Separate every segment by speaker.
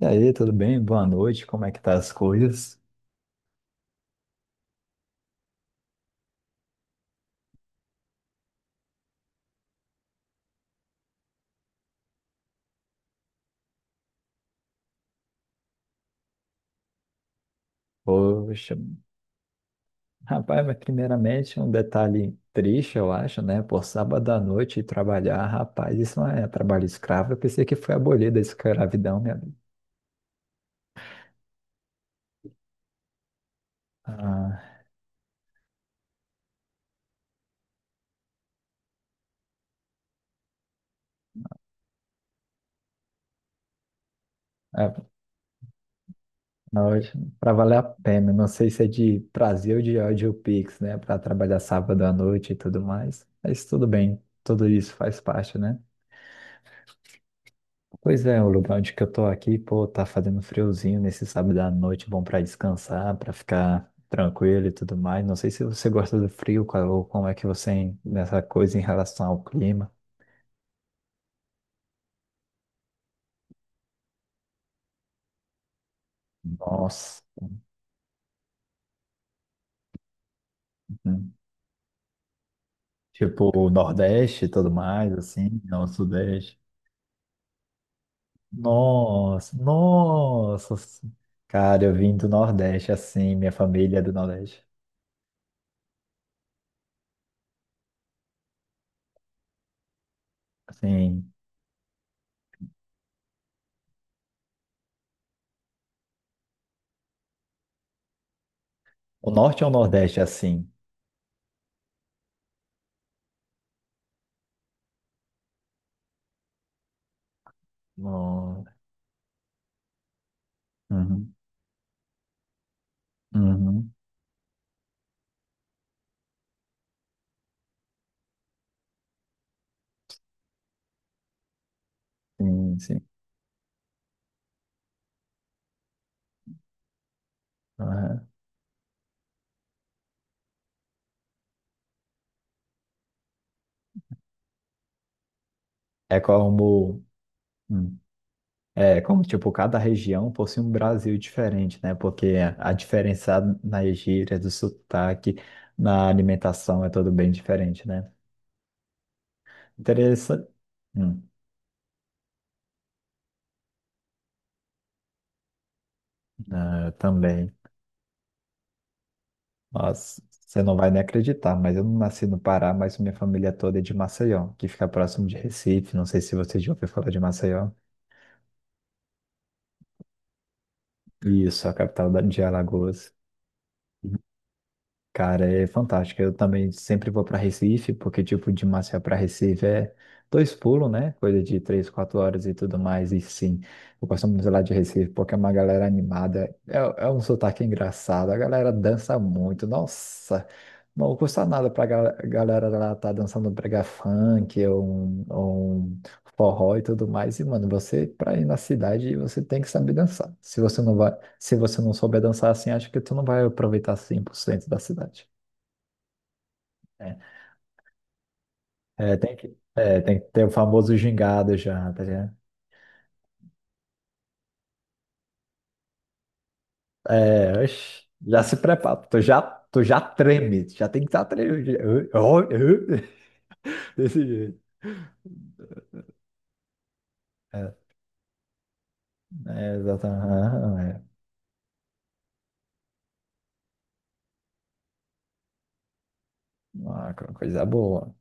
Speaker 1: E aí, tudo bem? Boa noite, como é que tá as coisas? Poxa, rapaz, mas primeiramente um detalhe triste, eu acho, né? Por sábado à noite ir trabalhar, rapaz, isso não é trabalho escravo, eu pensei que foi abolida da escravidão, minha amiga. Ah, é, não, hoje, pra valer a pena, não sei se é de prazer ou de ódio Pix, né? Pra trabalhar sábado à noite e tudo mais, mas tudo bem, tudo isso faz parte, né? Pois é, o lugar onde que eu tô aqui, pô, tá fazendo friozinho nesse sábado à noite, bom pra descansar, pra ficar tranquilo e tudo mais. Não sei se você gosta do frio, ou como é que você nessa coisa em relação ao clima. Nossa, uhum. Tipo o Nordeste e tudo mais, assim, não o Sudeste. Nossa, nossa, cara, eu vim do Nordeste assim, minha família é do Nordeste. Assim, o Norte ou o Nordeste assim? No- Uhum. Uhum. Sim, sim. É como, hum, é como, tipo, cada região possui um Brasil diferente, né? Porque a diferença na gíria, do sotaque, na alimentação é tudo bem diferente, né? Interessante. Hum, ah, também. Nossa, você não vai nem acreditar, mas eu não nasci no Pará, mas minha família toda é de Maceió, que fica próximo de Recife. Não sei se você já ouviu falar de Maceió. Isso, a capital de Alagoas. Cara, é fantástico. Eu também sempre vou para Recife, porque, tipo, de Maceió para Recife é dois pulos, né? Coisa de 3, 4 horas e tudo mais. E sim, eu gosto muito lá de Recife, porque é uma galera animada. É, é um sotaque engraçado. A galera dança muito. Nossa, não custa nada pra galera lá tá dançando brega funk ou um forró e tudo mais. E, mano, você, pra ir na cidade, você tem que saber dançar. Se você não vai. Se você não souber dançar assim, acho que tu não vai aproveitar 100% da cidade. É, é, tem que ter o famoso gingado já, tá ligado? É, oxi, já se prepara, tu já treme, tu já tem que estar tremendo. Desse jeito. É, é, exatamente. Aham, é. Uma coisa boa.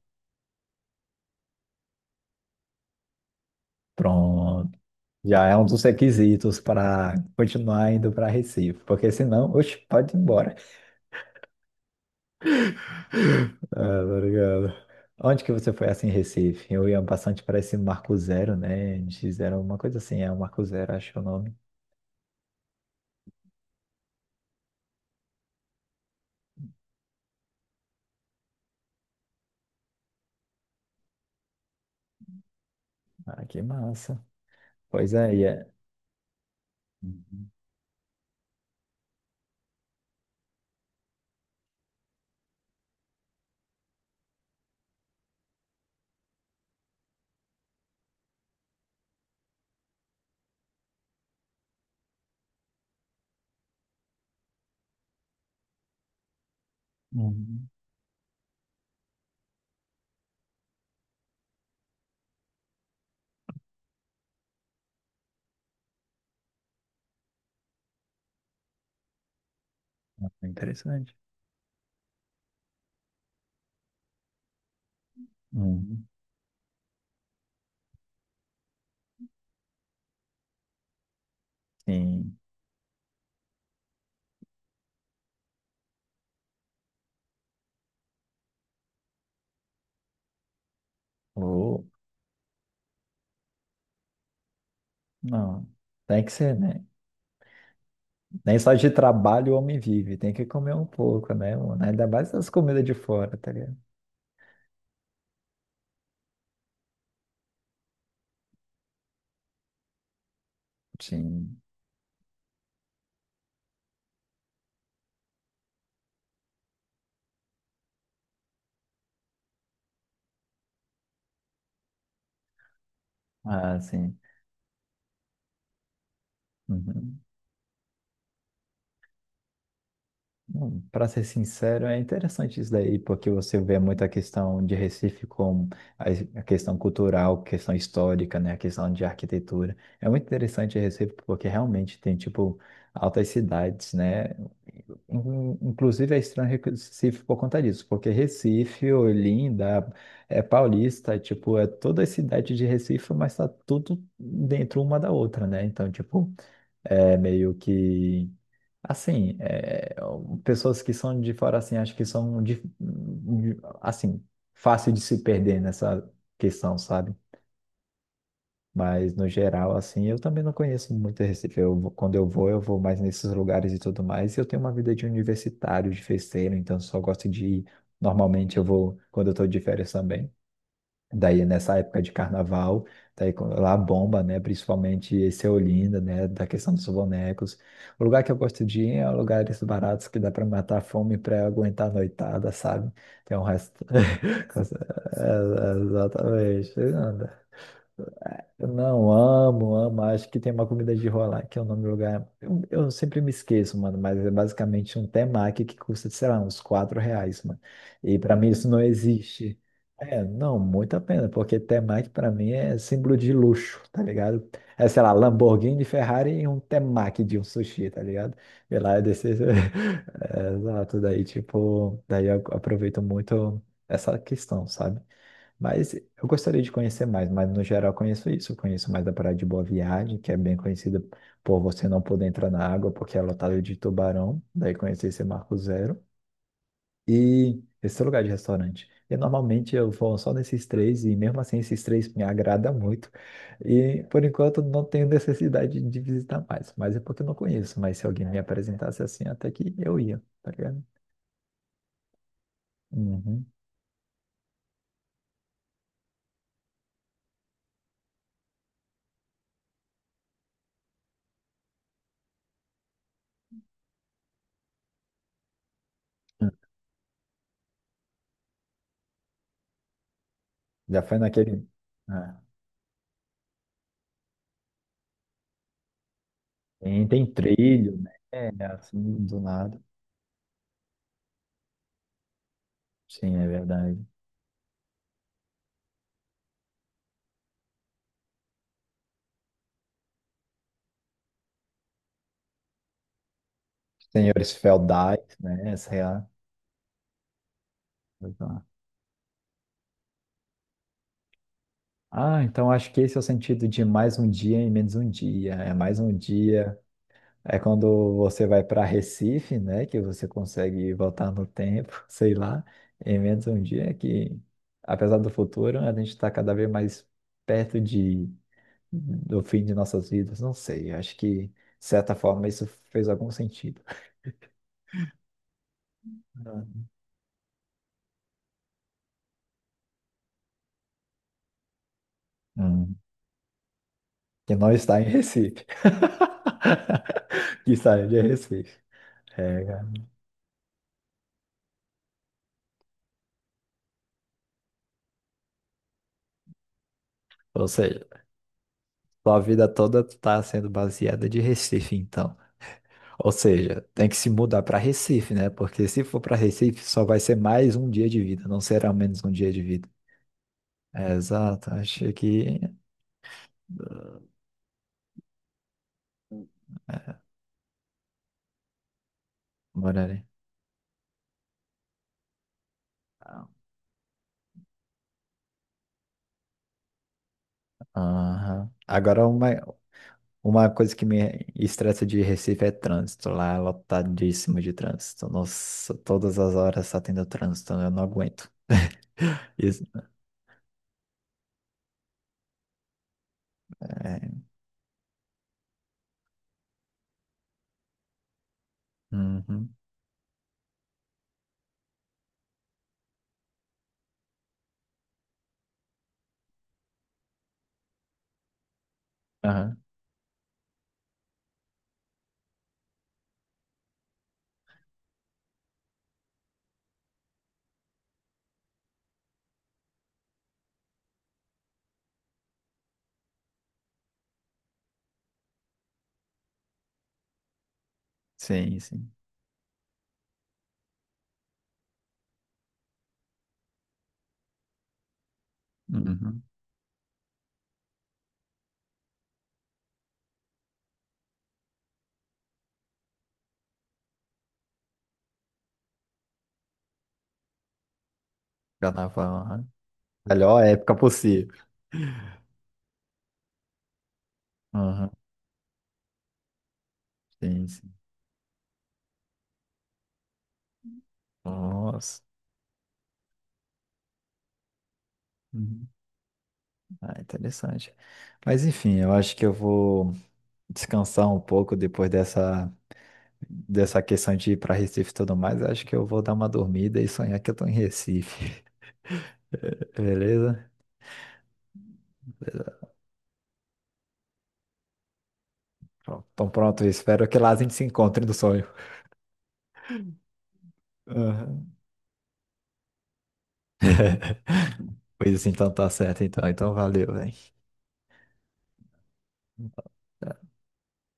Speaker 1: Pronto. Já é um dos requisitos para continuar indo para Recife, porque senão, oxe, pode ir embora. Ah, obrigado. Onde que você foi assim em Recife? Eu ia bastante para esse Marco Zero, né? NX Zero, uma coisa assim, é o Marco Zero, acho que é o nome. Ah, que massa. Pois é, e é. Uhum. Uhum. Ah, interessante. Uhum. Sim. Ou, não. Tem que ser, né? Nem só de trabalho o homem vive, tem que comer um pouco, né? Mano? Ainda mais as comidas de fora, tá ligado? Sim. Ah, sim. Uhum. Bom, para ser sincero, é interessante isso daí, porque você vê muita questão de Recife como a questão cultural, questão histórica, né, a questão de arquitetura. É muito interessante Recife porque realmente tem tipo altas cidades, né? Inclusive é estranho Recife por conta disso, porque Recife, Olinda, é Paulista, tipo, é toda a cidade de Recife, mas tá tudo dentro uma da outra, né? Então, tipo, é meio que assim, é, pessoas que são de fora, assim, acho que são, assim, fácil de se perder nessa questão, sabe? Mas, no geral, assim, eu também não conheço muito Recife. Quando eu vou mais nesses lugares e tudo mais. E eu tenho uma vida de universitário, de festeiro, então só gosto de ir. Normalmente eu vou quando eu tô de férias também. Daí nessa época de carnaval, daí lá bomba, né? Principalmente esse é Olinda, né? Da questão dos bonecos. O lugar que eu gosto de ir é lugares baratos que dá para matar a fome para aguentar a noitada, sabe? Tem um resto. Exatamente. Eu Não, amo, amo. Acho que tem uma comida de rua lá, que é o nome do lugar. Eu sempre me esqueço, mano, mas é basicamente um temaki que custa, sei lá, uns R$ 4, mano. E pra mim isso não existe. É, não, muito a pena, porque temaki pra mim é símbolo de luxo, tá ligado? É, sei lá, Lamborghini, Ferrari e um temaki de um sushi, tá ligado? E lá é desse... É, exato, daí tipo, daí eu aproveito muito essa questão, sabe? Mas eu gostaria de conhecer mais, mas no geral eu conheço isso. Eu conheço mais da Praia de Boa Viagem, que é bem conhecida por você não poder entrar na água porque é lotada de tubarão. Daí conheci esse Marco Zero. E esse lugar de restaurante. E normalmente eu vou só nesses três, e mesmo assim esses três me agrada muito. E por enquanto não tenho necessidade de visitar mais. Mas é porque eu não conheço. Mas se alguém me apresentasse assim, até que eu ia, tá ligado? Uhum. Já foi naquele. É. Tem trilho, né? É, assim, do nada. Sim, é verdade. Senhores feudais, né? Sei lá. Exato. Ah, então acho que esse é o sentido de mais um dia e menos um dia. É mais um dia. É quando você vai para Recife, né? Que você consegue voltar no tempo, sei lá. E menos um dia que, apesar do futuro, a gente está cada vez mais perto do fim de nossas vidas. Não sei. Acho que, de certa forma, isso fez algum sentido. Ah. Hum. Que não está em Recife. Que saiu de Recife. É, cara. Ou seja, sua vida toda está sendo baseada de Recife, então. Ou seja, tem que se mudar para Recife, né? Porque se for para Recife, só vai ser mais um dia de vida, não será menos um dia de vida. É, exato, acho que. É, moraria. Aham. Agora Uma, coisa que me estressa de Recife é trânsito. Lá é lotadíssimo de trânsito. Nossa, todas as horas tá tendo trânsito, eu não aguento. Isso, é, uhum, aham, sim, sim. Uhum. Carnaval, aham. Melhor época possível. Aham, sim, sim. Nossa. Uhum. Ah, interessante. Mas enfim, eu acho que eu vou descansar um pouco depois dessa questão de ir para Recife e tudo mais, acho que eu vou dar uma dormida e sonhar que eu tô em Recife. Beleza? Pronto. Então pronto, espero que lá a gente se encontre no sonho. Aham. Pois então tá certo, então. Então valeu, velho.